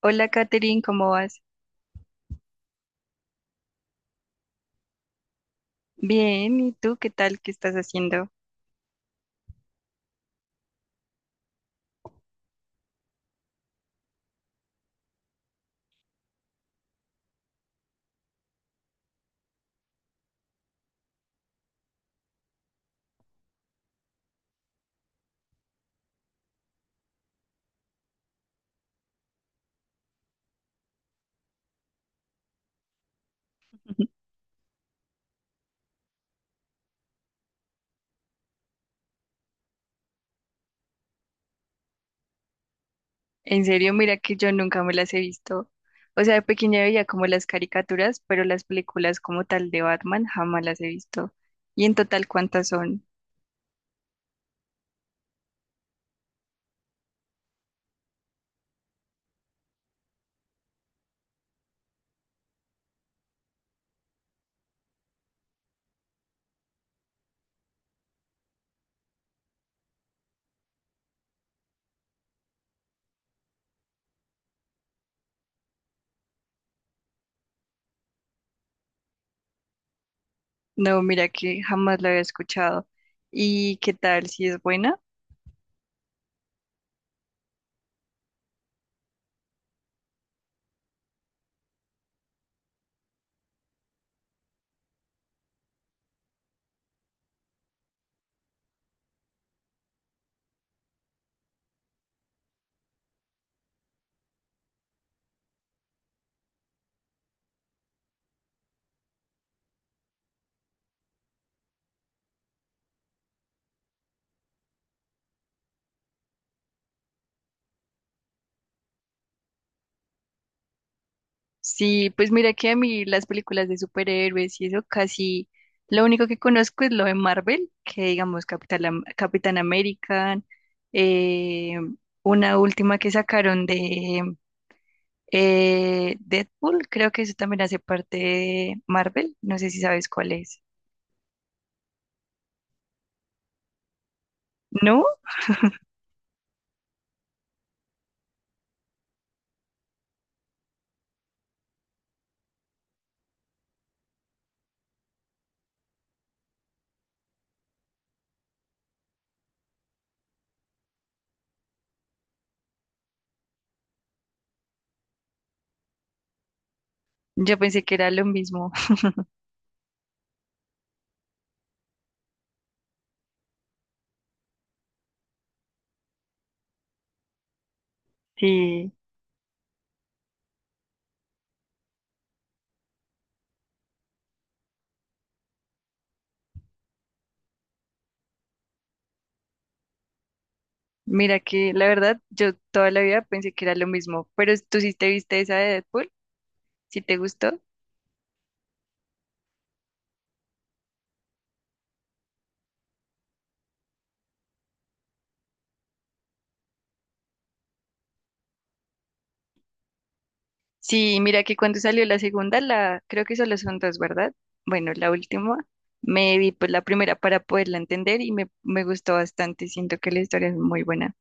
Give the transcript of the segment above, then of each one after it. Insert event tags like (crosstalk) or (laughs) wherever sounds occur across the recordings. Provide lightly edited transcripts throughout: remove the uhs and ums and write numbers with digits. Hola, Katherine, ¿cómo vas? Bien, ¿y tú qué tal? ¿Qué estás haciendo? (laughs) En serio, mira que yo nunca me las he visto. O sea, de pequeña veía como las caricaturas, pero las películas como tal de Batman jamás las he visto. ¿Y en total cuántas son? No, mira que jamás la había escuchado. ¿Y qué tal? ¿Si es buena? Sí, pues mira que a mí las películas de superhéroes y eso casi lo único que conozco es lo de Marvel, que digamos Capital, Am- Capitán América, eh, una última que sacaron de Deadpool, creo que eso también hace parte de Marvel, no sé si sabes cuál es. ¿No? Yo pensé que era lo mismo. (laughs) Sí, mira que la verdad yo toda la vida pensé que era lo mismo, pero tú sí te viste esa de Deadpool, si te gustó. Sí, mira que cuando salió la segunda, la creo que solo son dos, ¿verdad? Bueno, la última me vi pues la primera para poderla entender y me gustó bastante. Siento que la historia es muy buena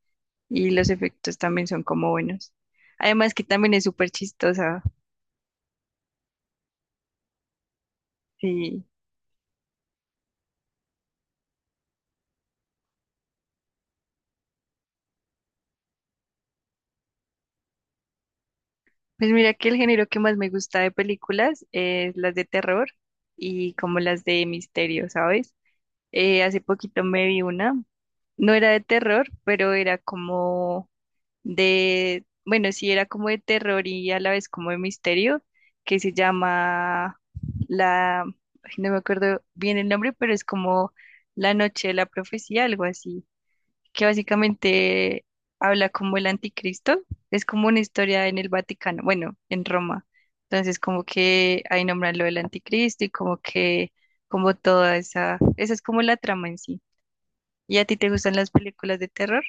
y los efectos también son como buenos. Además que también es súper chistosa. Sí. Pues mira que el género que más me gusta de películas es las de terror y como las de misterio, ¿sabes? Hace poquito me vi una, no era de terror, pero era como de, bueno, sí era como de terror y a la vez como de misterio, que se llama la, ay, no me acuerdo bien el nombre, pero es como La Noche de la Profecía, algo así, que básicamente habla como el anticristo, es como una historia en el Vaticano, bueno, en Roma. Entonces como que ahí nombran lo del anticristo y como que, como toda esa, esa es como la trama en sí. ¿Y a ti te gustan las películas de terror?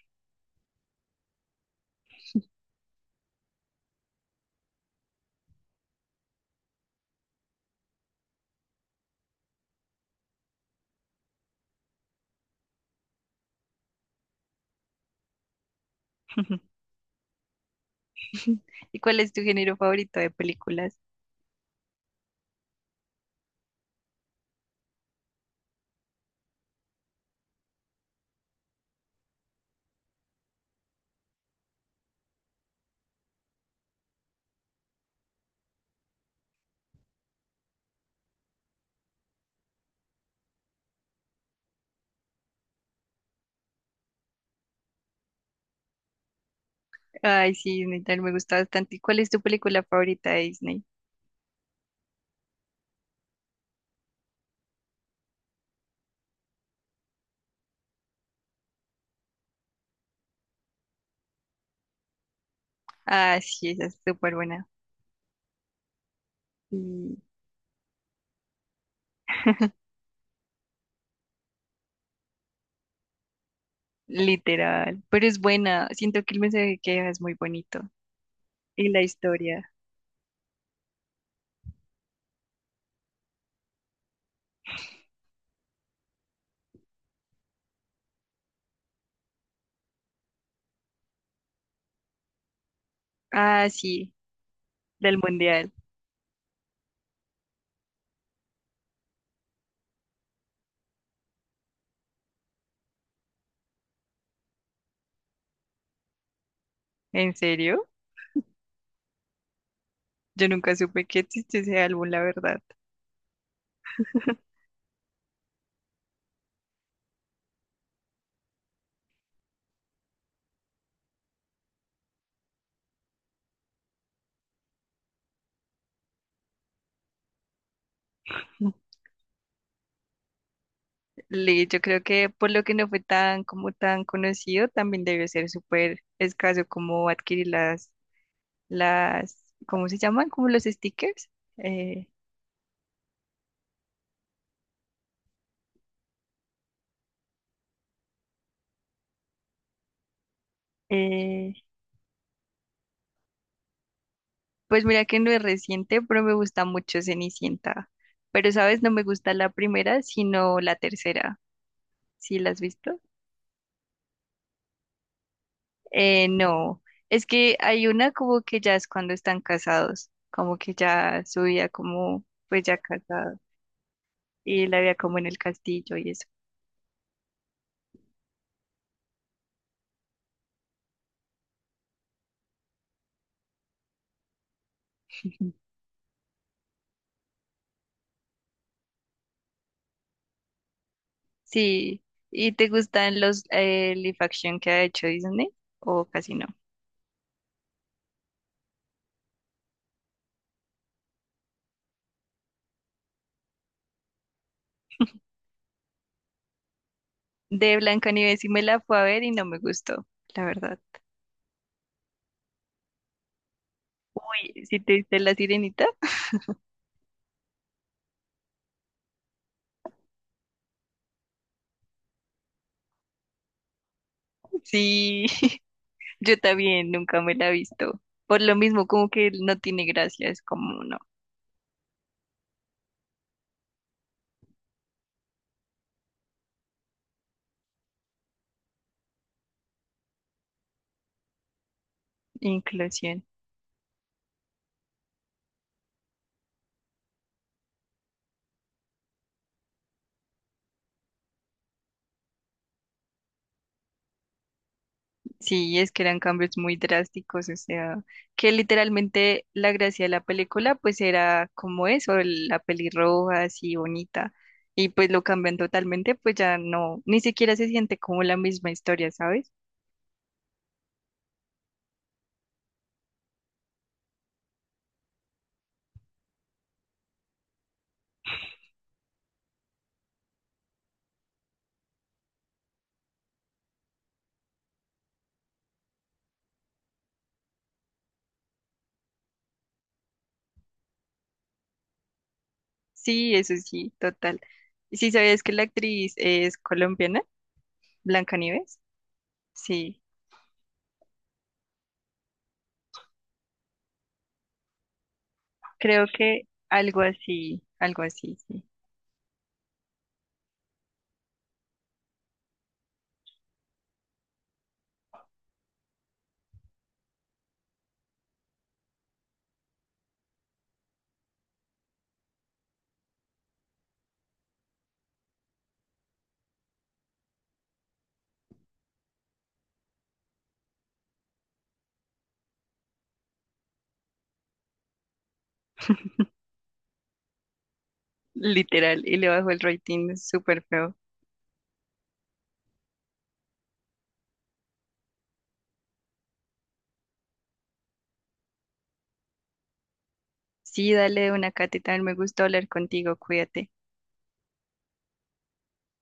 (laughs) (laughs) ¿Y cuál es tu género favorito de películas? Ay, sí, Disney también me gusta bastante. ¿Y cuál es tu película favorita de Disney? Ah, sí, esa es súper buena. Sí, literal. Pero es buena. Siento que el mensaje que deja es muy bonito. Y la historia. Ah, sí, del mundial. ¿En serio? Yo nunca supe que existe ese álbum, la verdad. (laughs) Le, yo creo que por lo que no fue tan como tan conocido, también debió ser súper escaso como adquirir las, ¿cómo se llaman? Como los stickers. Eh, eh, pues mira que no es reciente, pero me gusta mucho Cenicienta. Pero, ¿sabes? No me gusta la primera, sino la tercera. ¿Sí la has visto? No. Es que hay una como que ya es cuando están casados, como que ya su vida como, pues ya casado, y la veía como en el castillo y eso. Ujú. Sí. ¿Y te gustan los live action que ha hecho Disney? ¿O casi no? De Blancanieves y me la fue a ver y no me gustó, la verdad. Uy, ¿si te viste La Sirenita? Sí, (laughs) yo también nunca me la he visto. Por lo mismo, como que no tiene gracia, es como no, inclusión. Sí, es que eran cambios muy drásticos, o sea, que literalmente la gracia de la película pues era como eso, el- la pelirroja así bonita. Y pues lo cambian totalmente, pues ya no, ni siquiera se siente como la misma historia, ¿sabes? Sí, eso sí, total. ¿Y si sabías que la actriz es colombiana? Blancanieves. Sí, creo que algo así, sí. Literal, y le bajó el rating súper feo. Sí, dale, una cata también me gustó hablar contigo, cuídate.